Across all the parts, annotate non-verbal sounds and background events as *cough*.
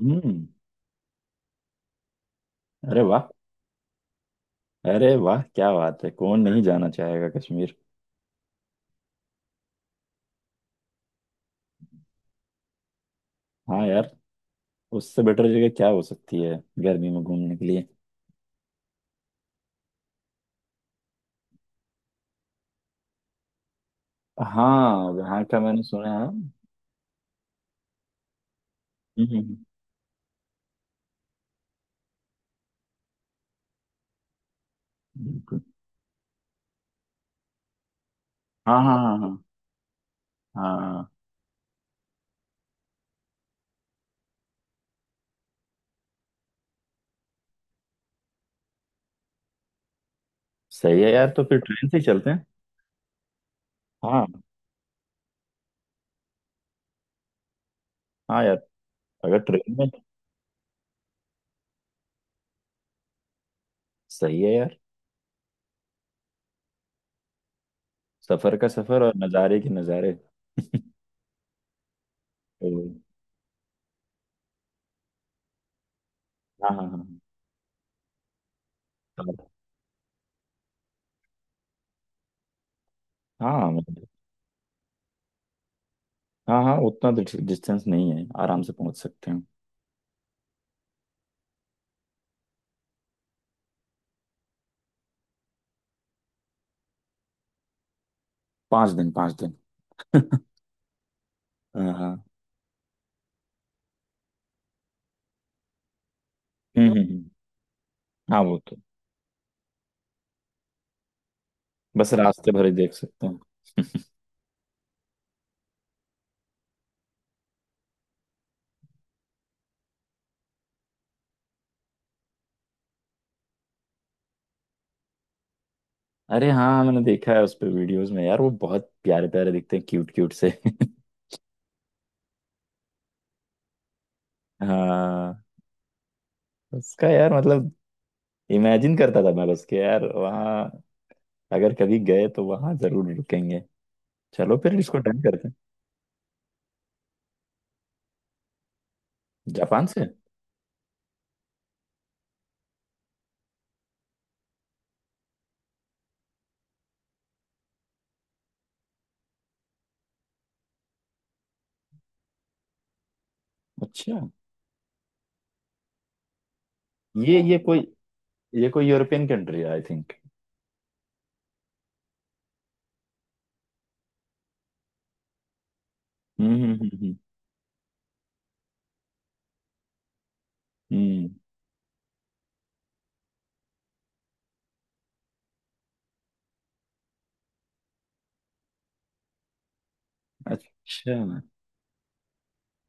हम्म। अरे वाह। अरे वाह, क्या बात है! कौन नहीं जाना चाहेगा कश्मीर। हाँ यार। उससे बेटर जगह क्या हो सकती है गर्मी में घूमने के लिए। हाँ, वहाँ का मैंने सुना है। हम्म, बिल्कुल। हाँ, हाँ, हाँ, हाँ, हाँ। सही है यार, तो फिर ट्रेन से ही चलते हैं। हाँ, हाँ यार। अगर ट्रेन में। सही है यार। सफर का सफर और नज़ारे के नज़ारे। तो, हाँ, हाँ, हाँ, हाँ, हाँ, मतलब- हाँ, हाँ, उतना डिस्टेंस नहीं है, आराम से पहुंच सकते हैं। पाँच दिन, पाँच दिन। हाँ, हाँ। हम्म, हाँ, वो तो बस रास्ते भर ही देख सकते हैं। अरे हाँ, मैंने देखा है उस पे वीडियोस में यार, वो बहुत प्यारे प्यारे दिखते हैं, क्यूट क्यूट से। *laughs* हाँ, उसका यार, मतलब इमेजिन करता था मैं, बस के यार वहाँ अगर कभी गए तो वहाँ जरूर रुकेंगे। चलो फिर इसको डन करते हैं। जापान से। अच्छा। ये कोई, ये कोई यूरोपियन कंट्री है, आई थिंक। हम्म, हम्म, हम्म, हम्म। अच्छा। हम्म,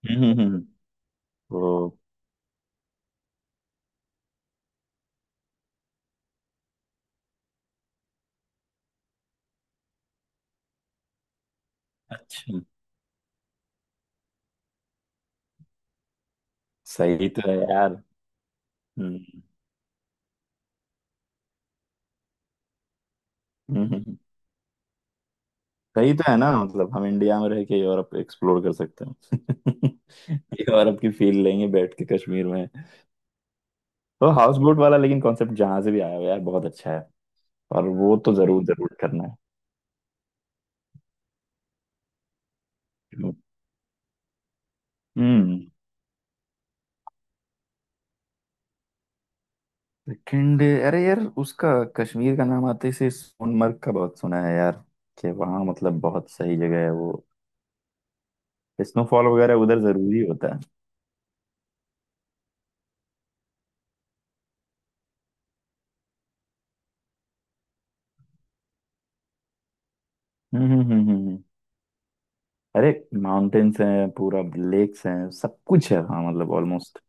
हम्म, हम्म। वो, अच्छा। सही तो है यार। हम्म, हम्म, हम्म, हम्म। सही तो है ना, मतलब हम इंडिया में रह के यूरोप एक्सप्लोर कर सकते हैं। *laughs* यूरोप की फील लेंगे बैठ के कश्मीर में। तो हाउस बोट वाला, लेकिन कॉन्सेप्ट जहां से भी आया हो यार, बहुत अच्छा है। और वो तो जरूर जरूर करना है। हम्म। सेकंड, अरे यार, उसका कश्मीर का नाम आते से सोनमर्ग का बहुत सुना है यार, कि वहाँ मतलब बहुत सही जगह है वो। स्नोफॉल वगैरह उधर जरूरी होता है। हम्म, हम्म, हम्म, अरे, माउंटेन्स हैं पूरा, लेक्स हैं, सब कुछ है, हाँ, मतलब ऑलमोस्ट।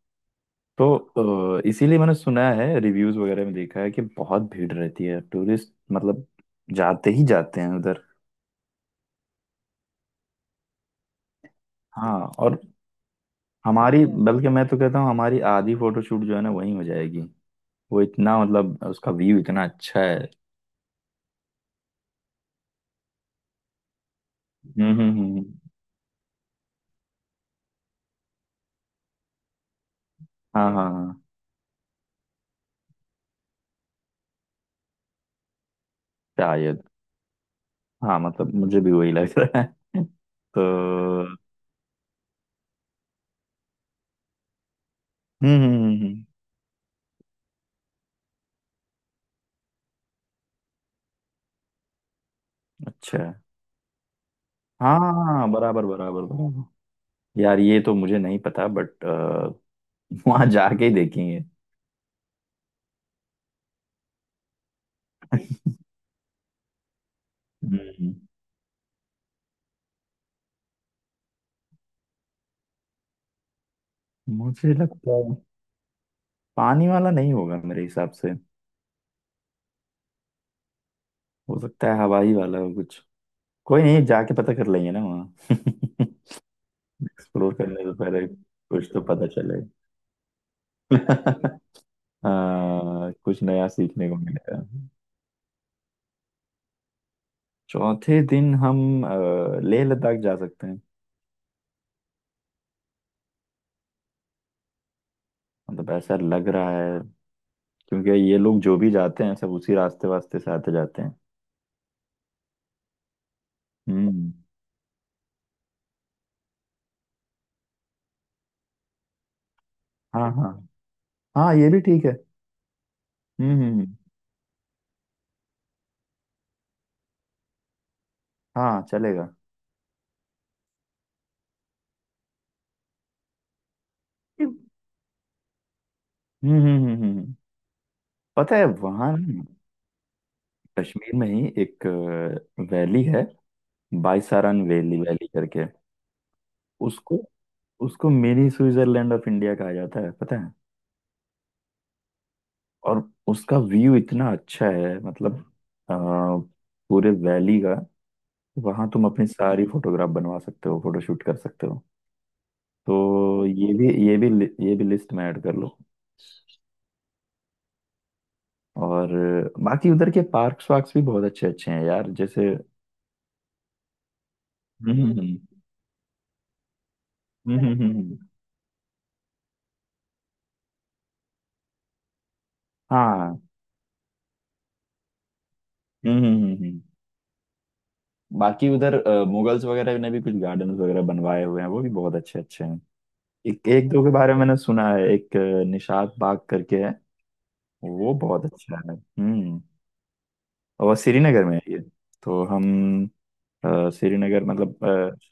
तो इसीलिए मैंने सुना है, रिव्यूज वगैरह में देखा है कि बहुत भीड़ रहती है टूरिस्ट, मतलब जाते ही जाते हैं उधर। हाँ, और हमारी, बल्कि मैं तो कहता हूँ हमारी आधी फोटोशूट जो है ना, वहीं हो जाएगी। वो इतना, मतलब उसका व्यू इतना अच्छा है। हम्म, हम्म, हम्म, हाँ, हाँ, हाँ। शायद। हाँ, मतलब मुझे भी वही लग रहा है। *laughs* तो हम्म, हम्म, अच्छा। हाँ, हाँ, हाँ, हाँ, बराबर, बराबर, बराबर। यार, ये तो मुझे नहीं पता, बट वहां *laughs* जाके ही देखेंगे। हम्म, मुझे लगता है पानी वाला नहीं होगा मेरे हिसाब से। हो सकता है हवाई वाला हो कुछ। कोई नहीं, जाके पता कर लेंगे ना वहाँ। *laughs* एक्सप्लोर करने से पहले कुछ तो पता चले। *laughs* कुछ नया सीखने को मिलेगा। चौथे दिन हम लेह लद्दाख जा सकते हैं। मतलब ऐसा लग रहा है, क्योंकि ये लोग जो भी जाते हैं सब उसी रास्ते वास्ते से आते जाते हैं। हम्म। हाँ, हाँ, हाँ, ये भी ठीक है। हम्म, हम्म, हाँ, चलेगा। हम्म, हम्म, हम्म, हम्म। पता है वहाँ ना, कश्मीर में ही एक वैली है, बाईसारन वैली वैली करके। उसको उसको मिनी स्विट्जरलैंड ऑफ इंडिया कहा जाता है, पता है। और उसका व्यू इतना अच्छा है, मतलब अ, पूरे वैली का। वहाँ तुम अपनी सारी फोटोग्राफ बनवा सकते हो, फोटोशूट कर सकते हो। तो ये भी लिस्ट में ऐड कर लो। और बाकी उधर के पार्क्स वार्क्स भी बहुत अच्छे अच्छे हैं यार, जैसे हम्म, हम्म, हम्म, हम्म, हम्म। हाँ, हम्म, हम्म, हम्म, बाकी उधर मुगल्स वगैरह ने भी कुछ गार्डन वगैरह बनवाए हुए हैं, वो भी बहुत अच्छे अच्छे हैं। एक एक दो के बारे में मैंने सुना है, एक निशात बाग करके है। वो बहुत अच्छा है। हम्म। और श्रीनगर में है ये। तो हम श्रीनगर मतलब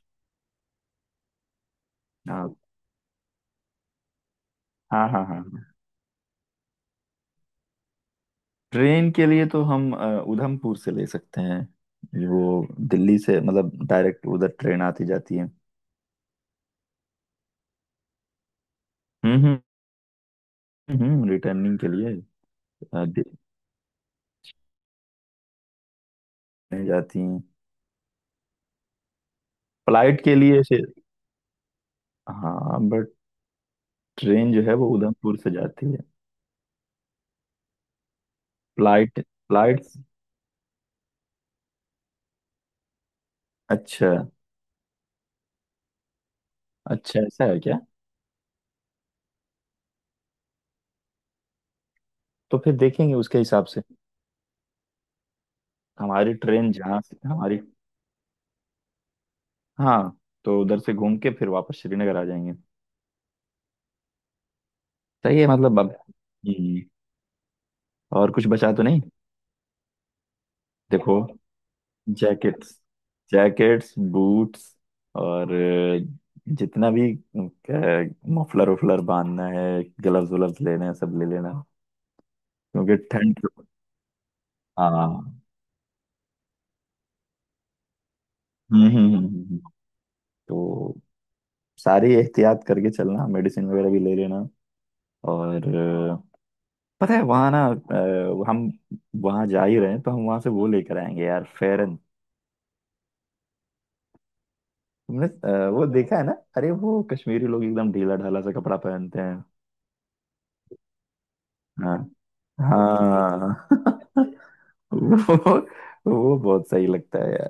हाँ, हाँ, हाँ, हाँ। ट्रेन के लिए तो हम उधमपुर से ले सकते हैं। वो दिल्ली से मतलब डायरेक्ट उधर ट्रेन आती जाती है। हम्म, हम्म, हम्म, रिटर्निंग के लिए दिल्ली में जाती हैं, फ्लाइट के लिए से। हाँ, बट ट्रेन जो है वो उधमपुर से जाती है। Flight, flight. अच्छा। अच्छा, ऐसा है क्या? तो फिर देखेंगे उसके हिसाब से। हमारी ट्रेन जहाँ से हमारी, हाँ, तो उधर से घूम के फिर वापस श्रीनगर आ जाएंगे। सही है, मतलब अब हम्म, और कुछ बचा तो नहीं? देखो, जैकेट्स, जैकेट्स, बूट्स और जितना भी मफलर उफलर बांधना है, ग्लव्स व्लव्स लेने हैं, सब ले लेना, क्योंकि ठंड। हाँ, हम्म, हम्म, तो सारी एहतियात करके चलना, मेडिसिन वगैरह भी ले लेना। और पता है वहाँ ना, हम वहाँ जा ही रहे हैं तो हम वहाँ से वो लेकर आएंगे यार, फेरन। तुमने वो देखा है ना, अरे वो कश्मीरी लोग एकदम ढीला ढाला सा कपड़ा पहनते हैं। हाँ, हाँ। *laughs* वो वो बहुत सही लगता है यार।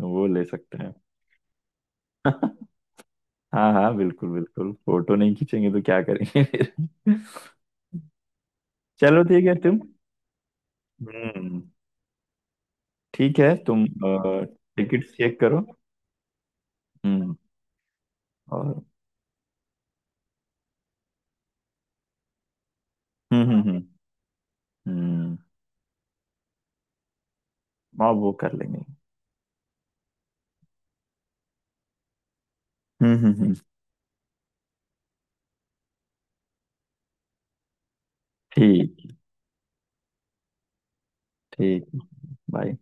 वो ले सकते हैं। *laughs* हाँ, हाँ, बिल्कुल बिल्कुल, फोटो नहीं खींचेंगे तो क्या करेंगे फिर? *laughs* चलो, ठीक है तुम। हम्म। ठीक है, तुम टिकट चेक करो। हम्म। और हम्म, हम्म, हम्म, हम्म, हाँ, वो कर लेंगे। हम्म, हम्म, ठीक। ठीक, बाय।